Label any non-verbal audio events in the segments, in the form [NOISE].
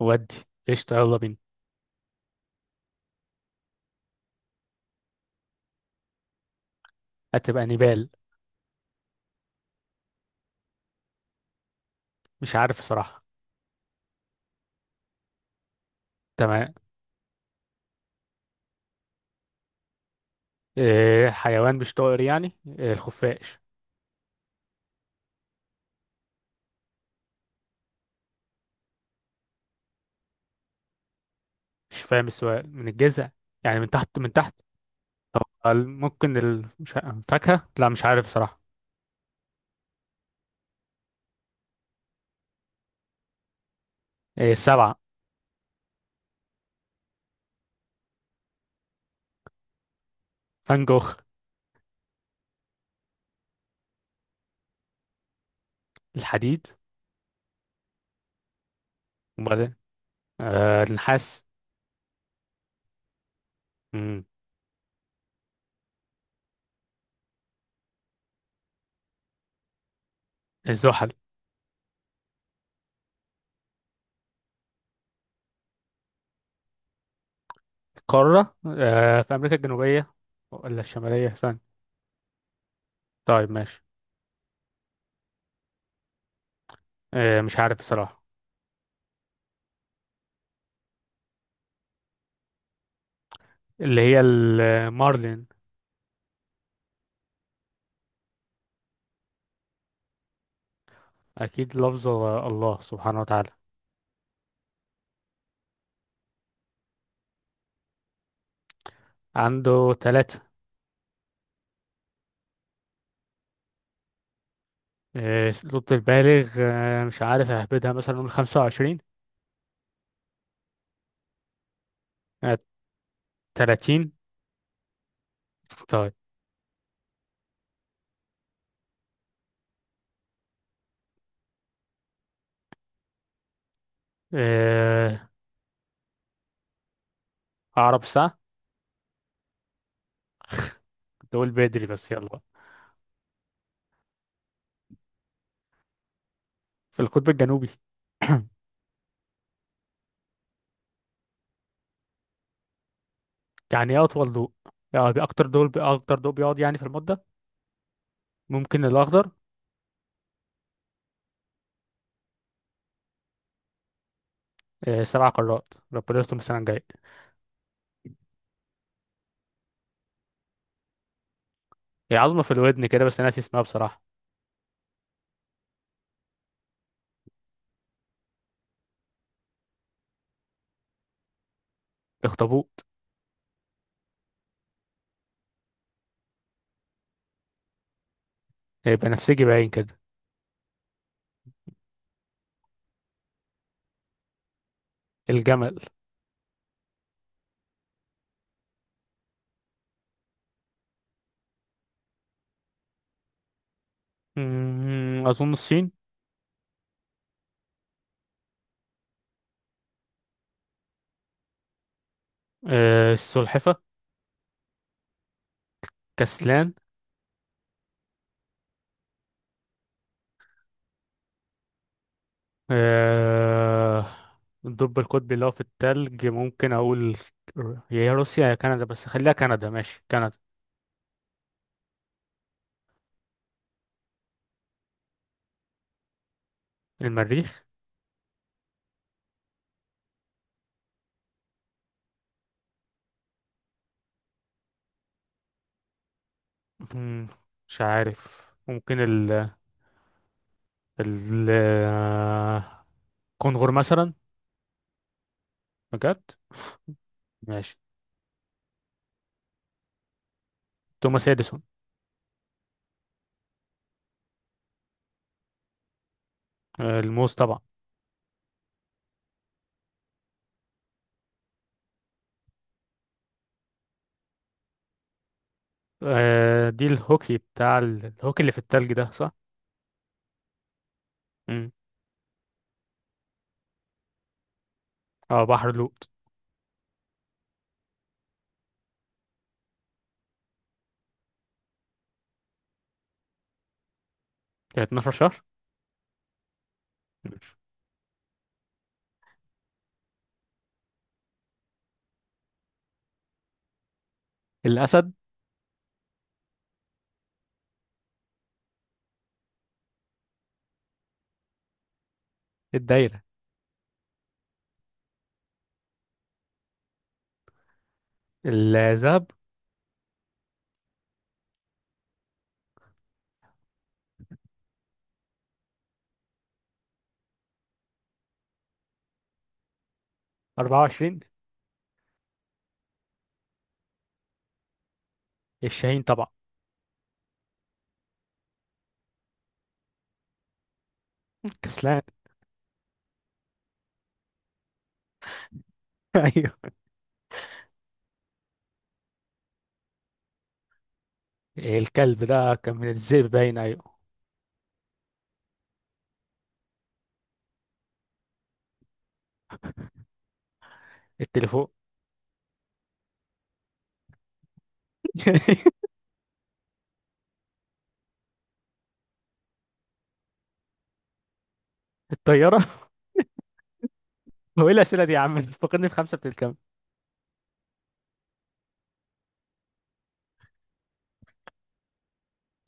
ودي. قشطة، يلا بينا. هتبقى نبال. مش عارف صراحة. تمام. إيه حيوان مش طائر؟ يعني إيه؟ الخفاش. مش فاهم السؤال، من الجذع؟ يعني من تحت، من تحت. طب ممكن مش فاكهة، لا مش عارف صراحة. إيه، السبعة. فان جوخ. الحديد. وبعدين، النحاس. مم. الزحل. القارة، في أمريكا الجنوبية، ولا الشمالية؟ ثانية. طيب ماشي. إيه، مش عارف الصراحة. اللي هي المارلين. أكيد لفظ الله سبحانه وتعالى. عنده ثلاثة. الضد البالغ، مش عارف، اهبدها مثلا نقول خمسة وعشرين. آه، تلاتين. طيب. آه، عقرب الساعة. دول بدري بس، يلا بقى. في القطب الجنوبي. يعني ايه أطول ضوء؟ يعني أكتر، دول أكتر ضوء بيقعد يعني في المدة. ممكن الأخضر. سبع قارات، ربنا يستر السنة الجاية. هي عظمة في الودن كده، بس أنا ناسي اسمها بصراحة. الأخطبوط. بنفسجي باين كده. الجمل. أظن الصين. السلحفة. كسلان. آه، الدب القطبي اللي هو في التلج، ممكن أقول يا هي روسيا يا كندا، بس خليها كندا، ماشي كندا. المريخ. مم، مش عارف، ممكن ال ال آه، كونغر مثلا. بجد. ماشي. توماس اديسون. الموز طبعا. دي الهوكي بتاع الهوكي اللي في التلج ده، صح؟ مم. اه، بحر لوط. 12 شهر. ماشي. الأسد. الدايرة. الذهب. 24. الشاهين طبعا. كسلان. [LAUGHS] أيوه. الكلب، ده كان من الذئب باين، ايوه. التليفون. [LAUGHS] الطياره. هو ايه الاسئله دي يا عم؟ فاقدني في خمسه بتتكلم.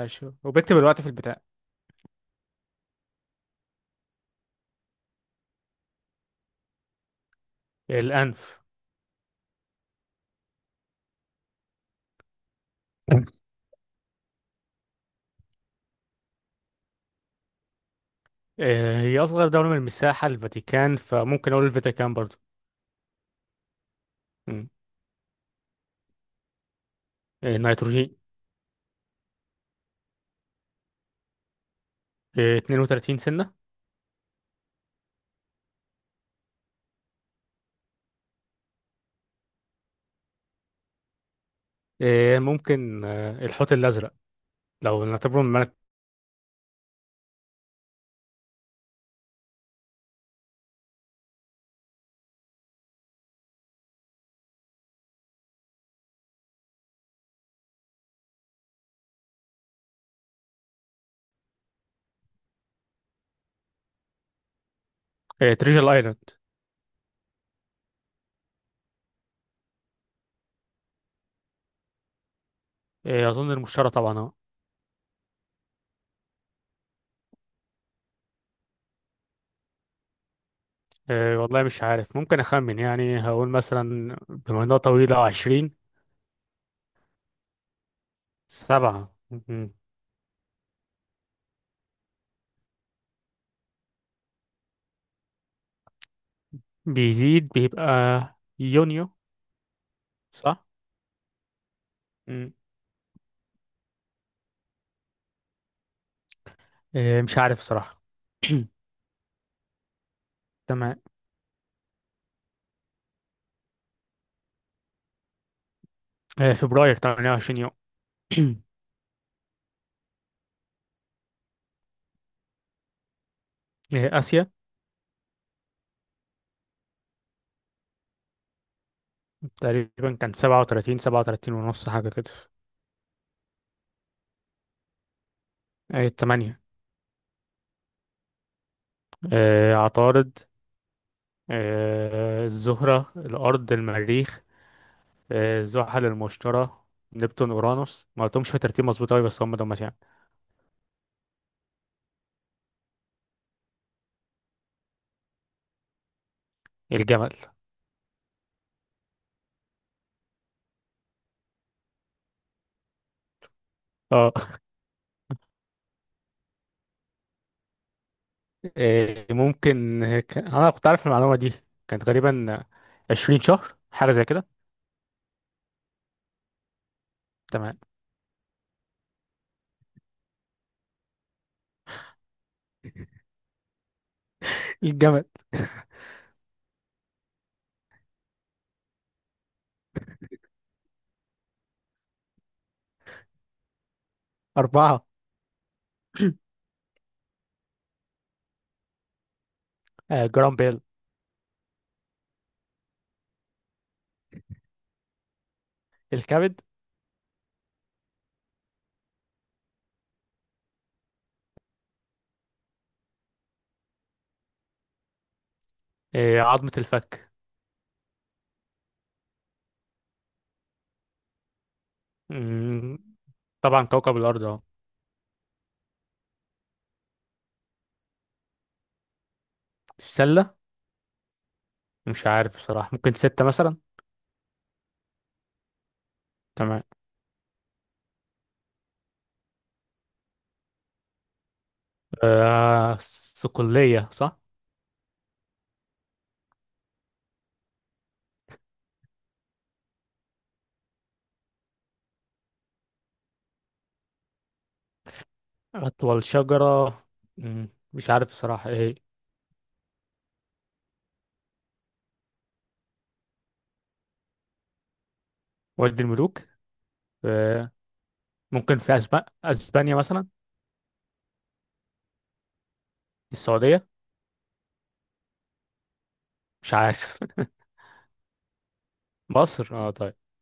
ماشي، وبكتب الوقت في البتاع. الانف. [LAUGHS] هي اصغر دوله من المساحه الفاتيكان، فممكن اقول الفاتيكان برضو. مم. نيتروجين. 32 سنه. آه، ممكن آه، الحوت الازرق، لو نعتبره من ملك. تريجل ايلاند. اظن المشتري طبعا، اه. والله مش عارف، ممكن اخمن يعني، هقول مثلا بما انها طويله 20. سبعة. بيزيد، بيبقى يونيو. صح؟ مم. مش عارف صراحة. [CLEARS THROAT] تمام. فبراير 28 يوم. [CLEARS THROAT] آسيا. تقريبا كان 37 37 ونص حاجة كده. تمانية. عطارد، الزهرة، الأرض، المريخ، زحل، المشتري، نبتون، اورانوس. ما قلتهمش في ترتيب مظبوط قوي، بس هم دول يعني. الجمل. اه. [LAUGHS] انا كنت عارف المعلومة دي، كانت غالبا 20 شهر حاجة زي كده. تمام. الجمل. أربعة. آه، جرام بيل. الكبد. آه، عظمة الفك. مم، طبعا كوكب الأرض أهو. السلة؟ مش عارف بصراحة، ممكن ستة مثلا. تمام. آه، صقلية، صح. أطول شجرة، مش عارف بصراحة إيه. وادي الملوك. آه. ممكن في أسبانيا، أسبانيا مثلا. السعودية. مش عارف. [LAUGHS] مصر، اه طيب.